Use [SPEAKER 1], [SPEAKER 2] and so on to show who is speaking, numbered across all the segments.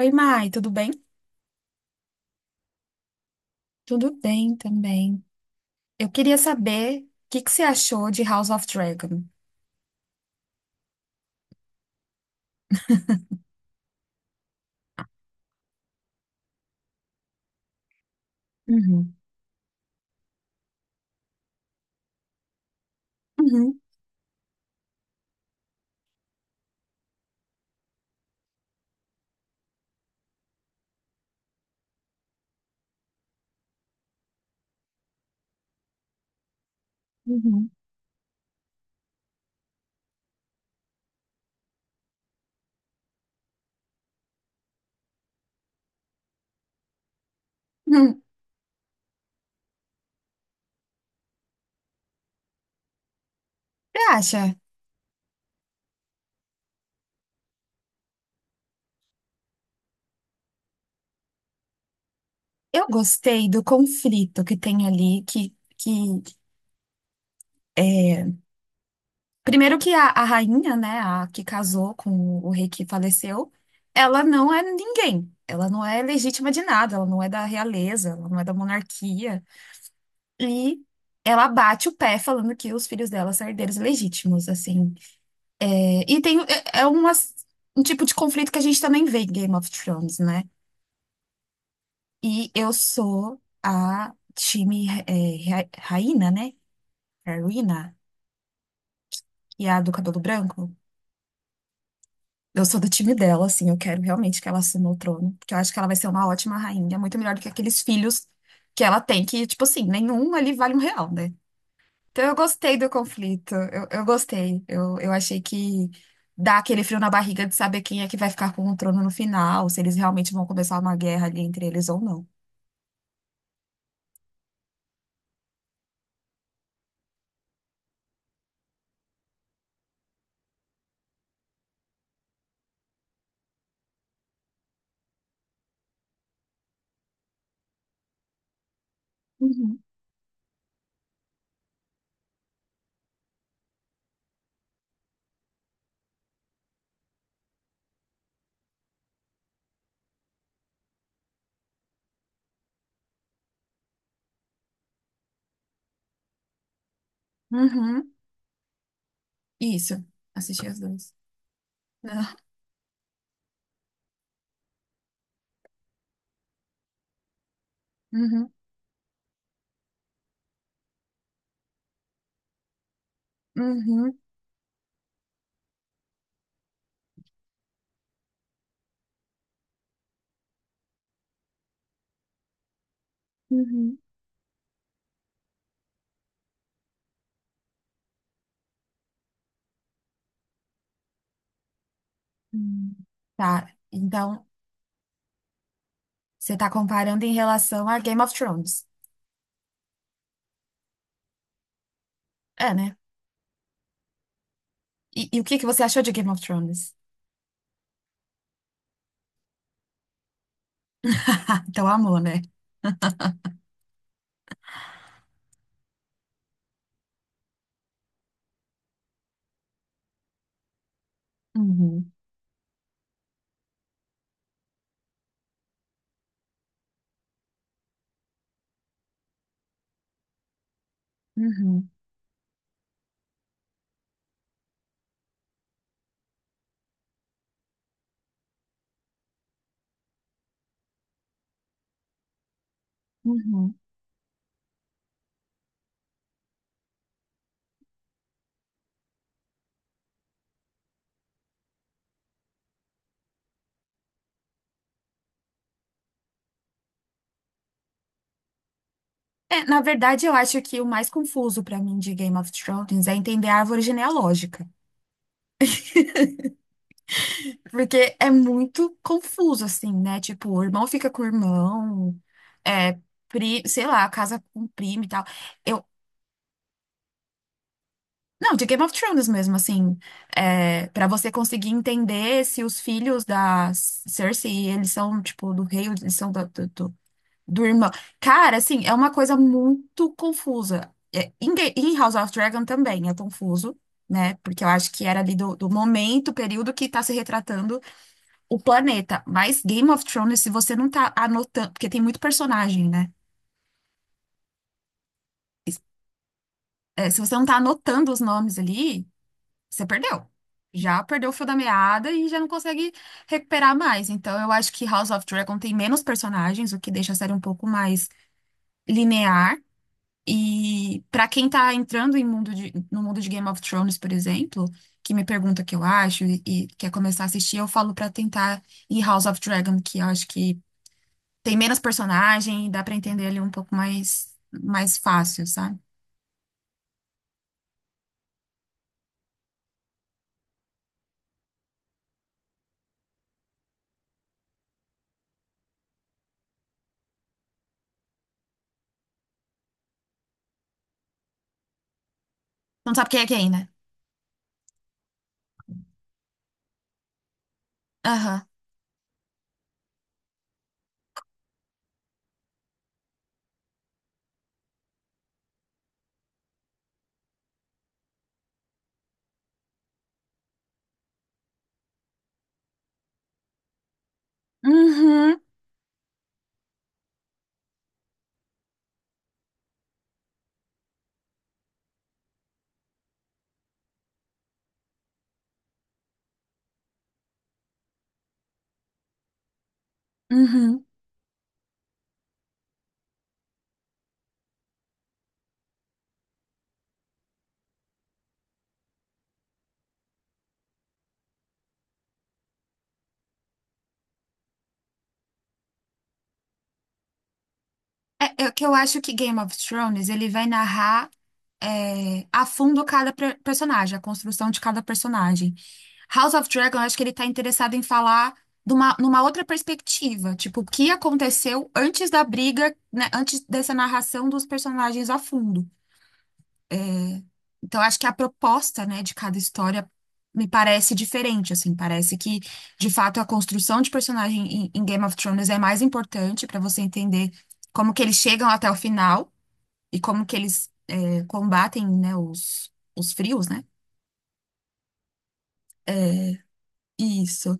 [SPEAKER 1] Oi, Mai, tudo bem? Tudo bem também. Eu queria saber o que que você achou de House of Dragon. Uhum. Uhum. Uhum. Uhum. Você acha? Eu gostei do conflito que tem ali, é, primeiro que a rainha, né, a que casou com o rei que faleceu, ela não é ninguém. Ela não é legítima de nada, ela não é da realeza, ela não é da monarquia. E ela bate o pé falando que os filhos dela são herdeiros legítimos, assim. É, e tem, um tipo de conflito que a gente também vê em Game of Thrones, né? E eu sou a time Raina, né? Rowena, que é a do cabelo branco. Eu sou do time dela, assim, eu quero realmente que ela assuma o trono, porque eu acho que ela vai ser uma ótima rainha, muito melhor do que aqueles filhos que ela tem, que, tipo assim, nenhum ali vale um real, né? Então, eu gostei do conflito. Eu gostei. Eu achei que dá aquele frio na barriga de saber quem é que vai ficar com o trono no final, se eles realmente vão começar uma guerra ali entre eles ou não. Uhum. Uhum. Isso. Assisti as duas. Não. Uhum. Uhum. Uhum. Hum. Tá. Então, você tá comparando em relação a Game of Thrones. É, né? E o que que você achou de Game of Thrones? Então, amor, né? Uhum. Uhum. Uhum. É, na verdade, eu acho que o mais confuso pra mim de Game of Thrones é entender a árvore genealógica. Porque é muito confuso, assim, né? Tipo, o irmão fica com o irmão, é, sei lá, casa com um primo e tal. Eu, não, de Game of Thrones mesmo, assim, para você conseguir entender se os filhos da Cersei, eles são, tipo, do rei, ou eles são da... Do irmão. Cara, assim, é uma coisa muito confusa. Em House of Dragon também é confuso, né? Porque eu acho que era ali do momento, período que tá se retratando o planeta. Mas Game of Thrones, se você não tá anotando, porque tem muito personagem, né? É, se você não tá anotando os nomes ali, você perdeu. Já perdeu o fio da meada e já não consegue recuperar mais. Então, eu acho que House of Dragon tem menos personagens, o que deixa a série um pouco mais linear. E pra quem tá entrando no mundo de Game of Thrones, por exemplo, que me pergunta o que eu acho e quer começar a assistir, eu falo pra tentar ir House of Dragon, que eu acho que tem menos personagem e dá pra entender ele um pouco mais fácil, sabe? Não sabe quem é quem, né? Aham. Uhum. Uhum. É que eu acho que Game of Thrones, ele vai narrar a fundo cada personagem, a construção de cada personagem. House of Dragon, eu acho que ele tá interessado em falar numa outra perspectiva, tipo, o que aconteceu antes da briga, né, antes dessa narração dos personagens a fundo. Então, eu acho que a proposta, né, de cada história me parece diferente, assim, parece que, de fato, a construção de personagem em Game of Thrones é mais importante para você entender como que eles chegam até o final e como que eles combatem, né, os frios, né? É, isso.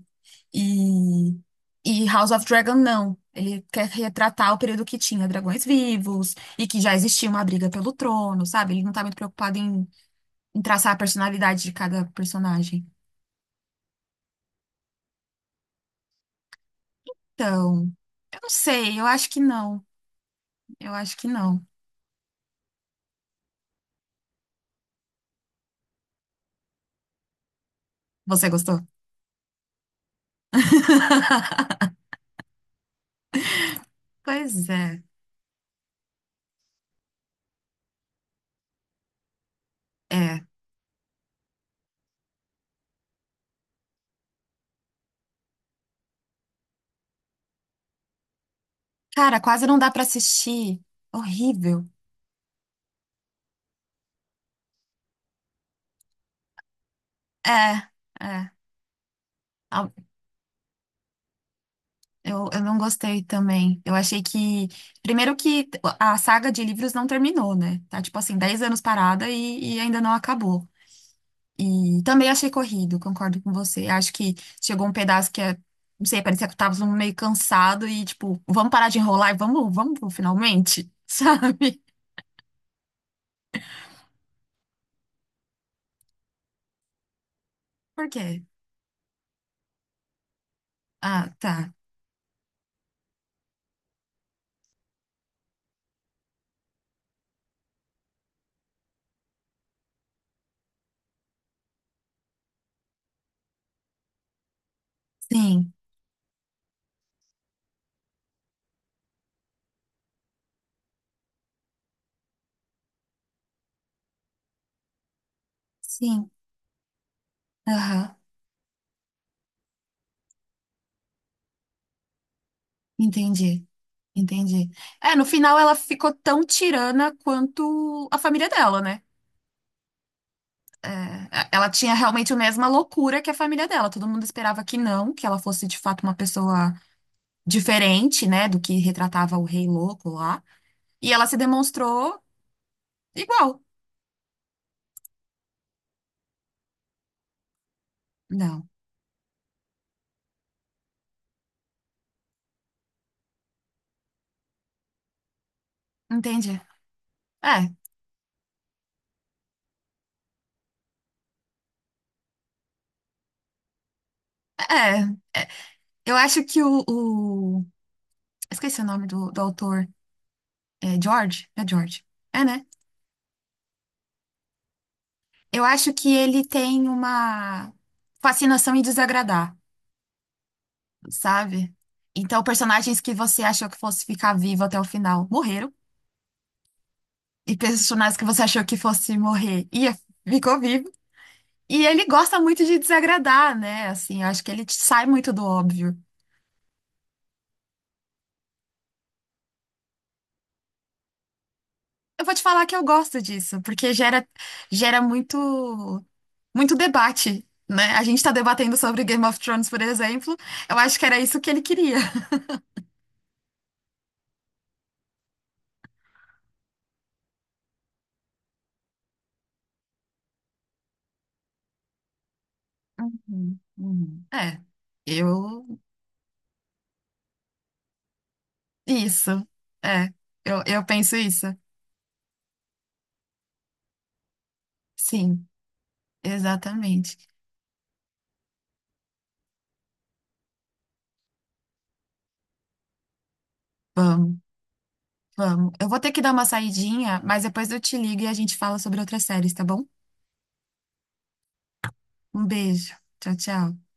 [SPEAKER 1] E, e House of Dragon não. Ele quer retratar o período que tinha dragões vivos e que já existia uma briga pelo trono, sabe? Ele não tá muito preocupado em, traçar a personalidade de cada personagem. Então, eu não sei, eu acho que não. Eu acho que não. Você gostou? Pois é, é. Cara, quase não dá pra assistir. Horrível. É, é. Eu não gostei também. Eu achei que... Primeiro que a saga de livros não terminou, né? Tá tipo assim, 10 anos parada e ainda não acabou. E também achei corrido, concordo com você. Acho que chegou um pedaço que é. Não sei, parecia que eu tava meio cansado e tipo, vamos parar de enrolar e vamos pro finalmente, sabe? Por quê? Ah, tá. Sim, sim. Aham. Entendi, entendi. É, no final ela ficou tão tirana quanto a família dela, né? É, é, ela tinha realmente a mesma loucura que a família dela. Todo mundo esperava que não, que ela fosse de fato uma pessoa diferente, né, do que retratava o rei louco lá. E ela se demonstrou igual. Não, entendi. É, é. Eu acho que o... Esqueci o nome do autor. É George? É George. É, né? Eu acho que ele tem uma fascinação em desagradar, sabe? Então, personagens que você achou que fosse ficar vivo até o final morreram. E personagens que você achou que fosse morrer e ficou vivo. E ele gosta muito de desagradar, né? Assim, eu acho que ele sai muito do óbvio. Eu vou te falar que eu gosto disso, porque gera muito, muito debate, né? A gente tá debatendo sobre Game of Thrones, por exemplo. Eu acho que era isso que ele queria. Uhum. Uhum. É, eu. Isso. É, eu penso isso. Sim, exatamente. Vamos. Eu vou ter que dar uma saidinha, mas depois eu te ligo e a gente fala sobre outras séries, tá bom? Um beijo. Tchau, tchau.